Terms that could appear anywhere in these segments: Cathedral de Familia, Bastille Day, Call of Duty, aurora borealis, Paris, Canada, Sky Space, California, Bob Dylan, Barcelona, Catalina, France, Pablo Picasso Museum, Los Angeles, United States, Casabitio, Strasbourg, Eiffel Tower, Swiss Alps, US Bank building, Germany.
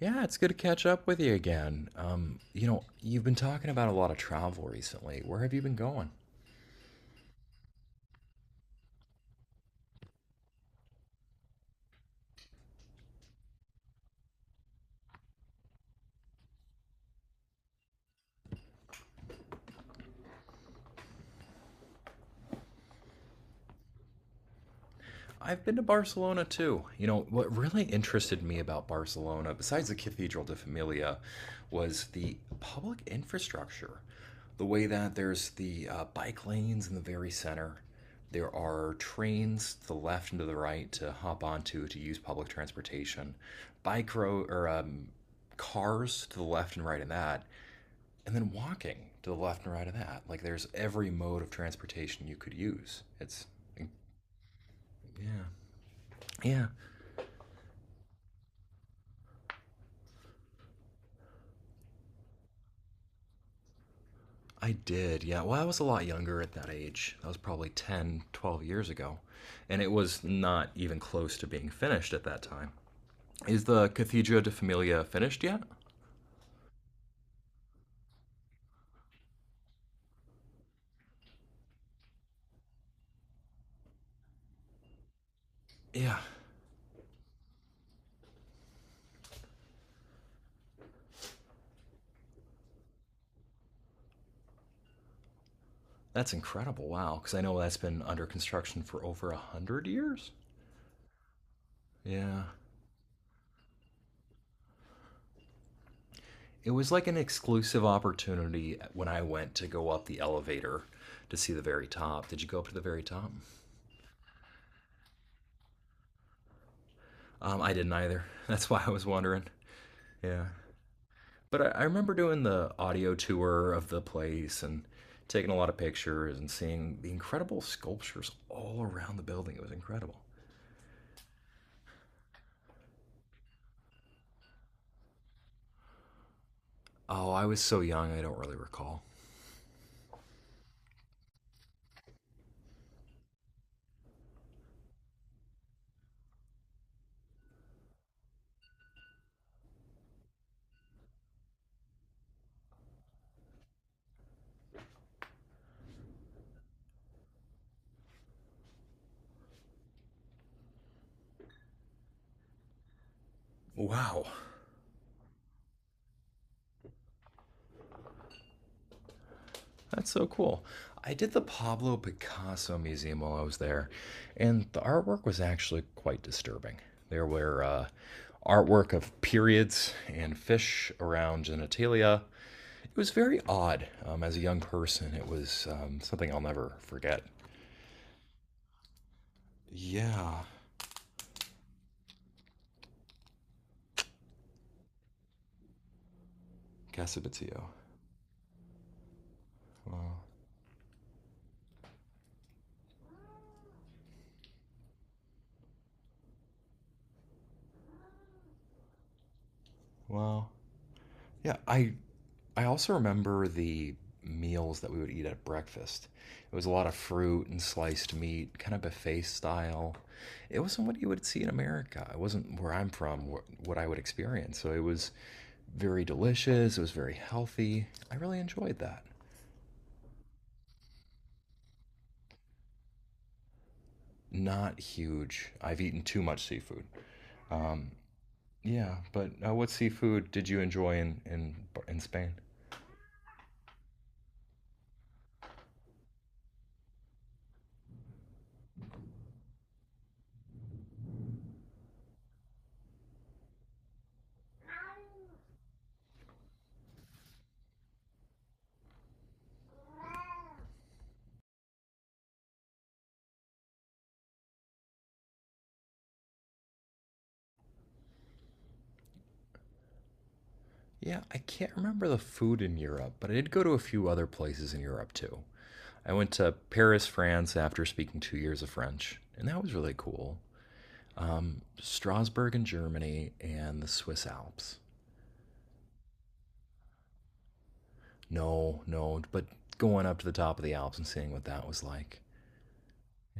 Yeah, it's good to catch up with you again. You've been talking about a lot of travel recently. Where have you been going? I've been to Barcelona too. You know, what really interested me about Barcelona, besides the Cathedral de Familia, was the public infrastructure. The way that there's the bike lanes in the very center, there are trains to the left and to the right to hop onto to use public transportation, bike road or cars to the left and right of that, and then walking to the left and right of that. Like there's every mode of transportation you could use. It's Yeah, yeah. I did. Yeah. Well, I was a lot younger at that age. That was probably 10, 12 years ago. And it was not even close to being finished at that time. Is the Cathedra de Familia finished yet? Yeah. That's incredible. Wow. Because I know that's been under construction for over 100 years. Yeah. It was like an exclusive opportunity when I went to go up the elevator to see the very top. Did you go up to the very top? I didn't either. That's why I was wondering. Yeah. But I remember doing the audio tour of the place and taking a lot of pictures and seeing the incredible sculptures all around the building. It was incredible. Oh, I was so young, I don't really recall. Wow. That's so cool. I did the Pablo Picasso Museum while I was there, and the artwork was actually quite disturbing. There were artwork of periods and fish around genitalia. It was very odd. As a young person, it was something I'll never forget. Yeah, Casabitio. Well, well, yeah, I also remember the meals that we would eat at breakfast. It was a lot of fruit and sliced meat, kind of buffet style. It wasn't what you would see in America. It wasn't where I'm from, what I would experience. So it was very delicious. It was very healthy. I really enjoyed that. Not huge. I've eaten too much seafood. Um, yeah, but what seafood did you enjoy in Spain? Yeah, I can't remember the food in Europe, but I did go to a few other places in Europe too. I went to Paris, France after speaking 2 years of French, and that was really cool. Strasbourg in Germany and the Swiss Alps. No, no, but going up to the top of the Alps and seeing what that was like.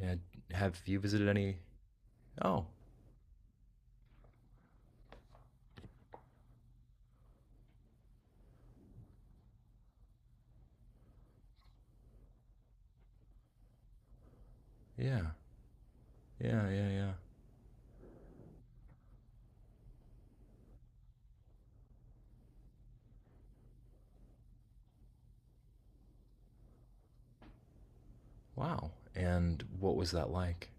And have you visited any? Oh, yeah, yeah, yeah, yeah. Wow. And what was that like?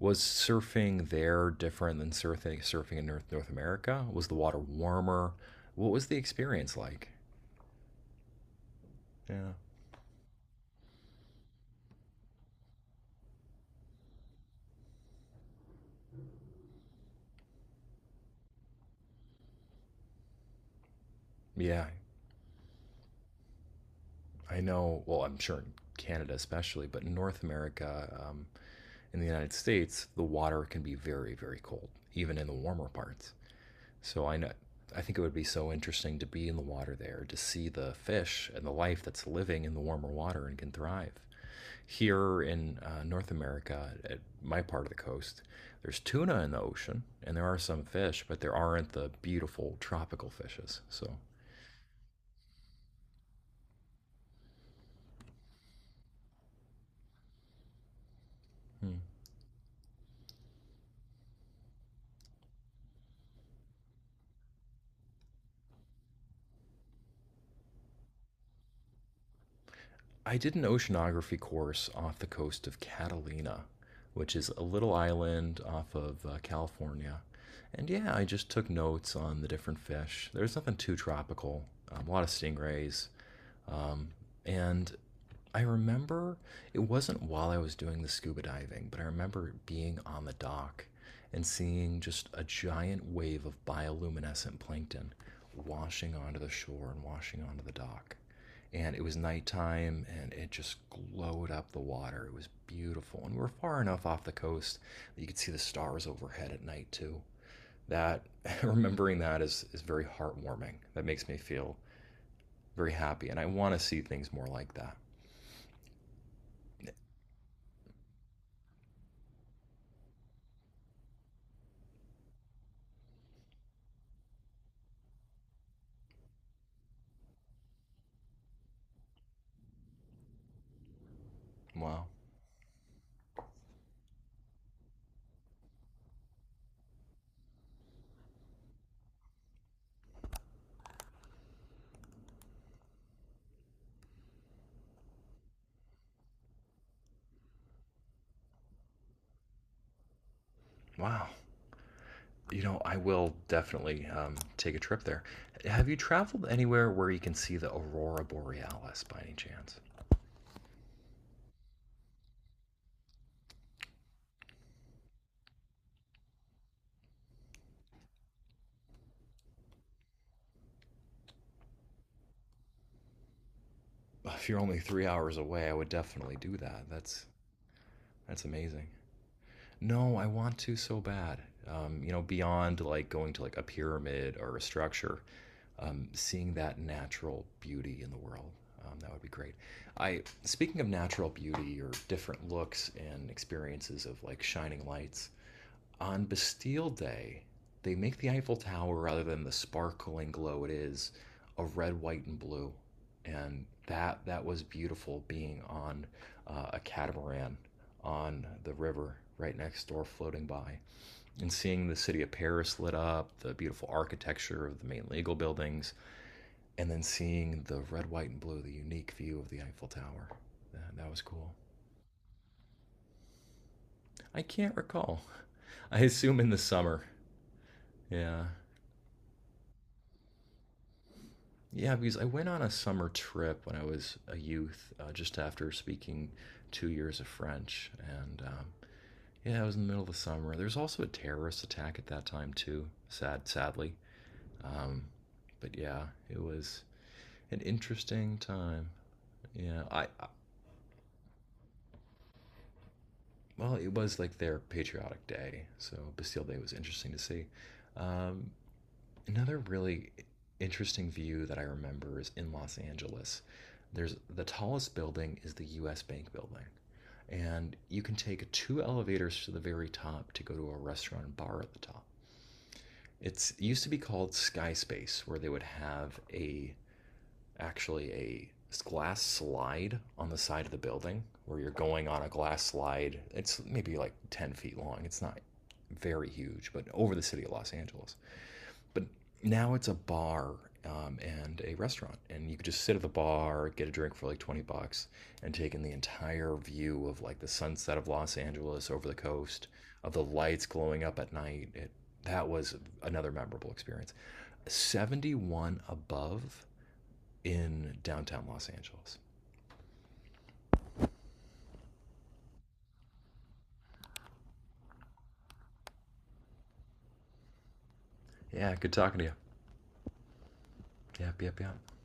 Was surfing there different than surfing in North America? Was the water warmer? What was the experience like? Yeah. Yeah, I know, well, I'm sure in Canada especially, but in North America, in the United States, the water can be very, very cold, even in the warmer parts. So I know, I think it would be so interesting to be in the water there, to see the fish and the life that's living in the warmer water and can thrive. Here in North America, at my part of the coast, there's tuna in the ocean, and there are some fish, but there aren't the beautiful tropical fishes. So, hmm, I did an oceanography course off the coast of Catalina, which is a little island off of California. And yeah, I just took notes on the different fish. There's nothing too tropical. A lot of stingrays, and I remember it wasn't while I was doing the scuba diving, but I remember being on the dock and seeing just a giant wave of bioluminescent plankton washing onto the shore and washing onto the dock. And it was nighttime and it just glowed up the water. It was beautiful. And we were far enough off the coast that you could see the stars overhead at night, too. That, remembering that is very heartwarming. That makes me feel very happy. And I want to see things more like that. Wow. Wow. You know, I will definitely take a trip there. Have you traveled anywhere where you can see the aurora borealis by any chance? If you're only 3 hours away, I would definitely do that. That's amazing. No, I want to so bad. Beyond like going to like a pyramid or a structure, seeing that natural beauty in the world, that would be great. I Speaking of natural beauty or different looks and experiences of like shining lights, on Bastille Day, they make the Eiffel Tower rather than the sparkling glow it is of red, white, and blue. And that was beautiful being on a catamaran on the river right next door floating by and seeing the city of Paris lit up, the beautiful architecture of the main legal buildings, and then seeing the red, white, and blue, the unique view of the Eiffel Tower. That was cool. I can't recall. I assume in the summer. Yeah, yeah, because I went on a summer trip when I was a youth, just after speaking 2 years of French. And yeah, it was in the middle of the summer. There was also a terrorist attack at that time, too, sadly. Um, but yeah, it was an interesting time. Yeah, I well, it was like their patriotic day, so Bastille Day was interesting to see. Um, Another really interesting view that I remember is in Los Angeles. There's the tallest building is the US Bank building. And you can take two elevators to the very top to go to a restaurant and bar at the top. It used to be called Sky Space, where they would have a actually a glass slide on the side of the building where you're going on a glass slide. It's maybe like 10 feet long. It's not very huge, but over the city of Los Angeles but now it's a bar and a restaurant, and you could just sit at the bar, get a drink for like 20 bucks, and take in the entire view of like the sunset of Los Angeles over the coast, of the lights glowing up at night. That was another memorable experience. 71 above in downtown Los Angeles. Yeah, good talking to you. Yep, yep, yep.